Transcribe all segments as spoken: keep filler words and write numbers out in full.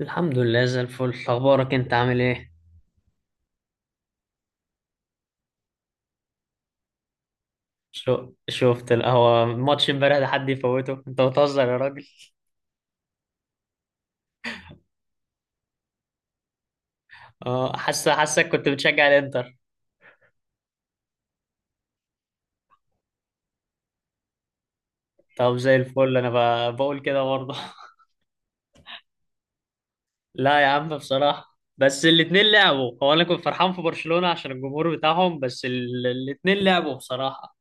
الحمد لله زي الفل. اخبارك انت عامل ايه؟ شو شفت القهوة، ماتش امبارح ده حد يفوته؟ انت بتهزر يا راجل. اه حاسس حاسك كنت بتشجع الانتر. طب زي الفل انا. ب- بقول كده برضه. لا يا عم بصراحة، بس الاتنين لعبوا. هو انا كنت فرحان في برشلونة عشان الجمهور بتاعهم، بس ال- الاتنين لعبوا بصراحة.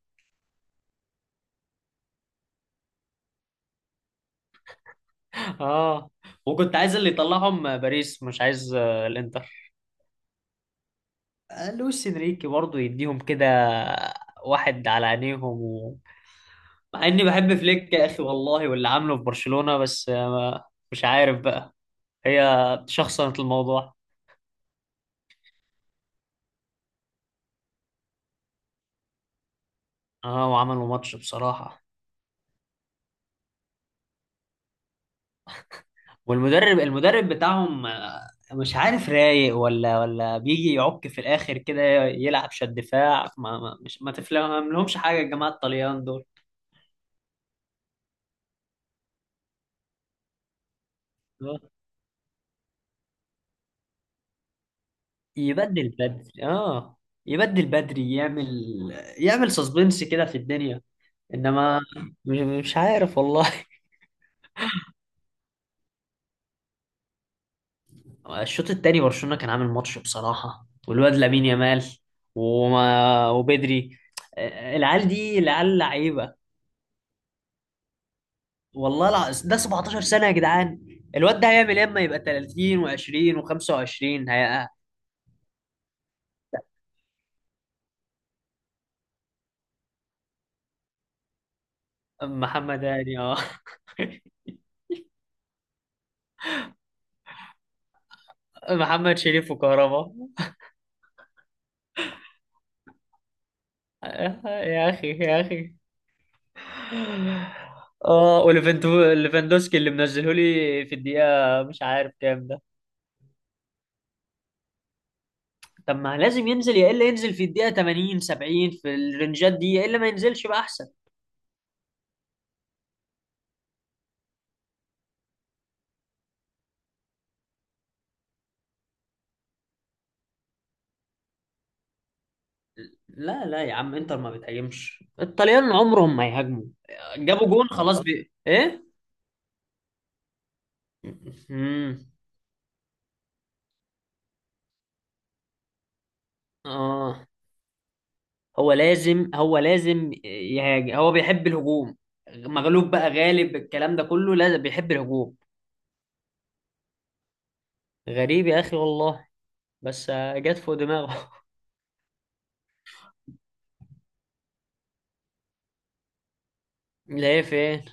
اه، وكنت عايز اللي يطلعهم باريس، مش عايز آه، الانتر. آه، لويس انريكي برضه يديهم كده واحد على عينيهم. مع اني بحب فليك يا اخي والله، واللي عامله في برشلونة، بس آه، مش عارف بقى. هي شخصنت الموضوع. اه وعملوا ماتش بصراحة. والمدرب المدرب بتاعهم آه، مش عارف رايق ولا ولا بيجي يعك في الاخر كده، يلعب شد دفاع. ما ما مش ما تفهم لهمش حاجة الجماعة الطليان دول. آه، يبدل بدري اه، يبدل بدري، يعمل يعمل سسبنس كده في الدنيا. انما مش مش عارف والله. الشوط التاني برشلونة كان عامل ماتش بصراحة، والواد لامين يامال، وما وبدري. آه، العيال دي، العيال لعيبة والله. الع... ده سبعتاشر سنة يا جدعان. الواد ده هيعمل ايه اما يبقى تلاتين و20 و25؟ هي... محمد هاني؟ اه محمد شريف وكهربا. آه، يا اخي يا اخي. اه، وليفاندوسكي اللي منزله لي في الدقيقة مش عارف كام. طب ما لازم ينزل، يا الا ينزل في الدقيقه تمانين، سبعين، في الرنجات دي، يا الا ما ينزلش بقى احسن. لا لا يا عم، انتر ما بتهاجمش، الطليان عمرهم ما يهاجموا. جابوا جون خلاص والله. بي... ايه. امم اه. هو لازم هو لازم يهاجم، هو بيحب الهجوم. مغلوب بقى غالب الكلام ده كله، لازم بيحب الهجوم. غريب يا اخي والله. بس آه، جت فوق دماغه. لا إيه فين.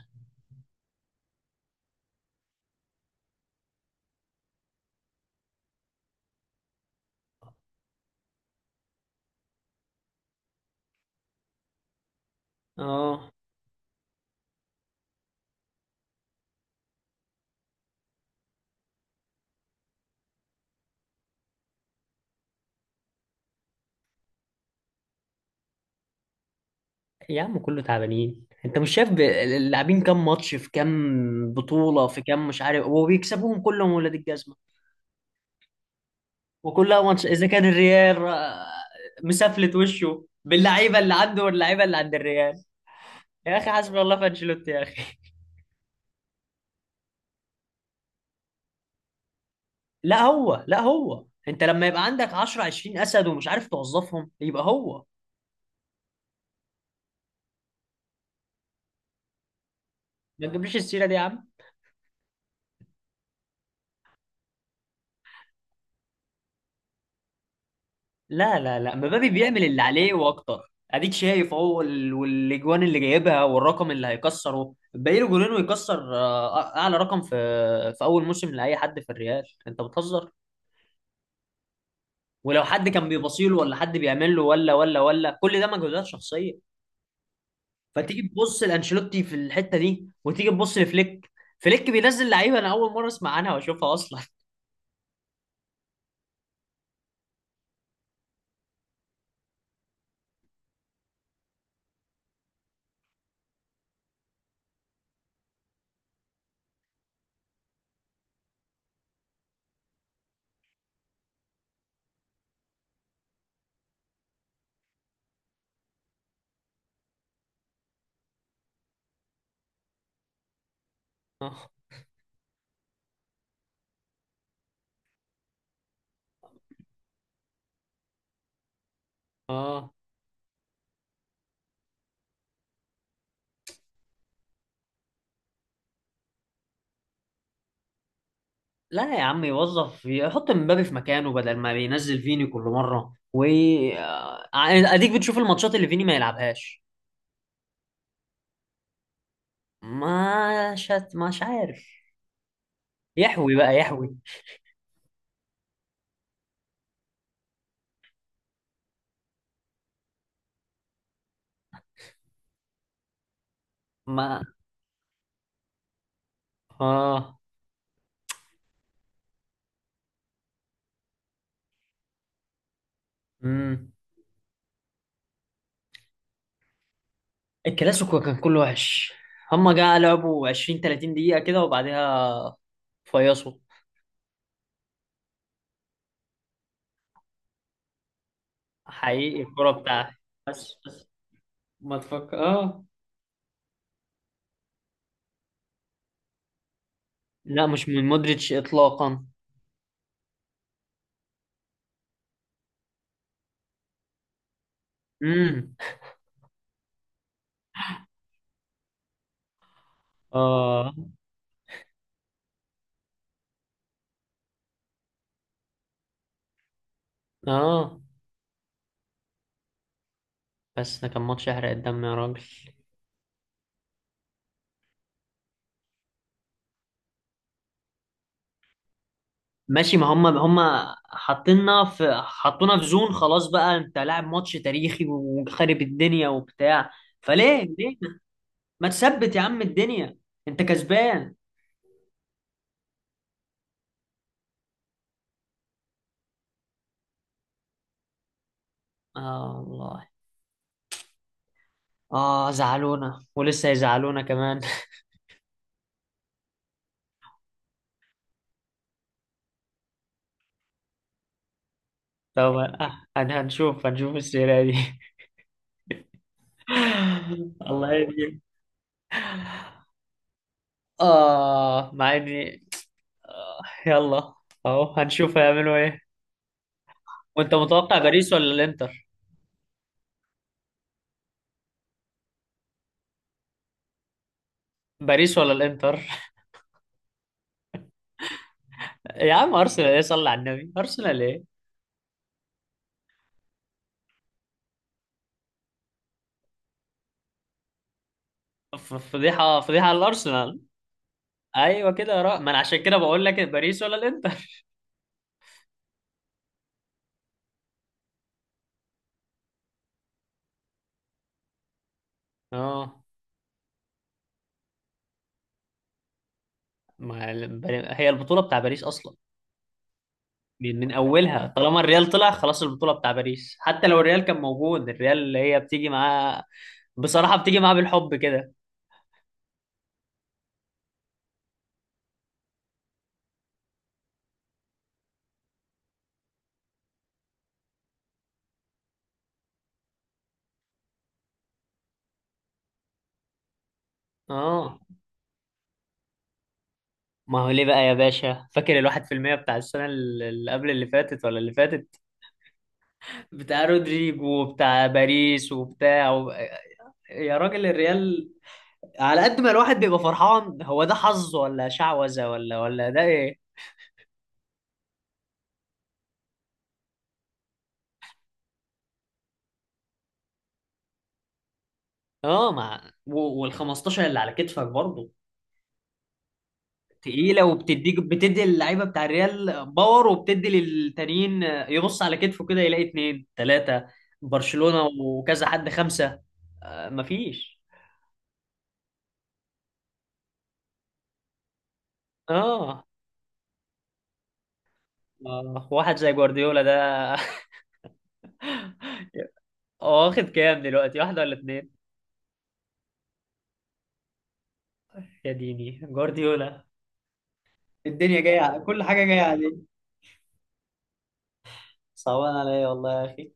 اه، يا عم كله تعبانين، انت مش شايف ب- اللاعبين كام ماتش في كام بطولة في كام مش عارف، وبيكسبوهم كلهم ولاد الجزمة. وكلها ماتش، اذا كان الريال آه، مسفلت وشه باللعيبة اللي عنده، واللعيبة اللي عند الريال. يا اخي حسبي الله في انشيلوتي يا اخي. لا هو لا هو انت لما يبقى عندك عشرة، عشرين اسد ومش عارف توظفهم، يبقى هو. ما تجيبليش السيرة دي يا عم. لا لا لا، مبابي بيعمل اللي عليه واكتر، اديك شايف اهو ال- والاجوان اللي جايبها والرقم اللي هيكسره، باقي له جولين ويكسر آه، اعلى رقم في في اول موسم لاي حد في الريال. انت بتهزر. ولو حد كان بيبصيله ولا حد بيعمل له، ولا ولا ولا كل ده مجهودات شخصيه. فتيجي تبص لانشيلوتي في الحته دي، وتيجي تبص لفليك. فليك بينزل لعيبه انا اول مره اسمع عنها واشوفها اصلا. اه. لا يا عم، يوظف يحط مبابي في مكانه بدل ما بينزل فيني كل مرة، و آه، يعني اديك بتشوف الماتشات اللي فيني ما يلعبهاش. ما شت مش عارف. يحوي بقى يحوي. ما اه. امم. الكلاسيكو كان كله وحش، هما جا لعبوا عشرين، تلاتين دقيقة كده وبعدها فيصوا. حقيقي الكرة بتاعتي. بس بس ما تفكر اه. لا مش من مودريتش اطلاقا. امم اه اه. بس ده كان ماتش يحرق الدم يا راجل. ماشي، ما هم هم حاطيننا في، حطونا في زون خلاص بقى، انت لاعب ماتش تاريخي وخارب الدنيا وبتاع، فليه ليه. ما تثبت يا عم الدنيا، انت كسبان. اه والله. اه، زعلونا ولسه يزعلونا كمان. طب آه، هن- هنشوف، هنشوف السيرة دي. الله يهديك. اه مع اني آه، يلا، اهو هنشوف هيعملوا ايه. وانت متوقع باريس ولا الانتر؟ باريس ولا الانتر؟ يا عم ارسنال ايه، صلي على النبي، ارسنال ايه. ف- فضيحه، فضيحه على الارسنال. ايوه كده يا رأ، ما انا عشان كده بقول لك باريس ولا الانتر. اه. ما ال- بر- هي البطوله بتاع باريس اصلا، من من اولها. طالما الريال طلع خلاص البطوله بتاع باريس، حتى لو الريال كان موجود، الريال اللي هي بتيجي معاه بصراحه، بتيجي معاه بالحب كده. اه ما هو ليه بقى يا باشا، فاكر الواحد في المية بتاع السنة اللي قبل اللي فاتت ولا اللي فاتت؟ بتاع رودريجو وبتاع باريس وبتاع. يا راجل الريال، على قد ما الواحد بيبقى فرحان، هو ده حظ ولا شعوذة ولا ولا ده ايه. اه مع و- وال خمستاشر اللي على كتفك برضه تقيلة. وبتديك، بتدي اللعيبة بتاع الريال باور، وبتدي للتانيين. يبص على كتفه كده، يلاقي اتنين تلاتة، برشلونة، وكذا حد، خمسة. آه مفيش. اه آه، واحد زي جوارديولا ده. هو واخد كام دلوقتي، واحدة ولا اتنين؟ يا ديني جوارديولا. الدنيا جاية على- كل حاجة جاية. صعبان عليا والله يا اخي.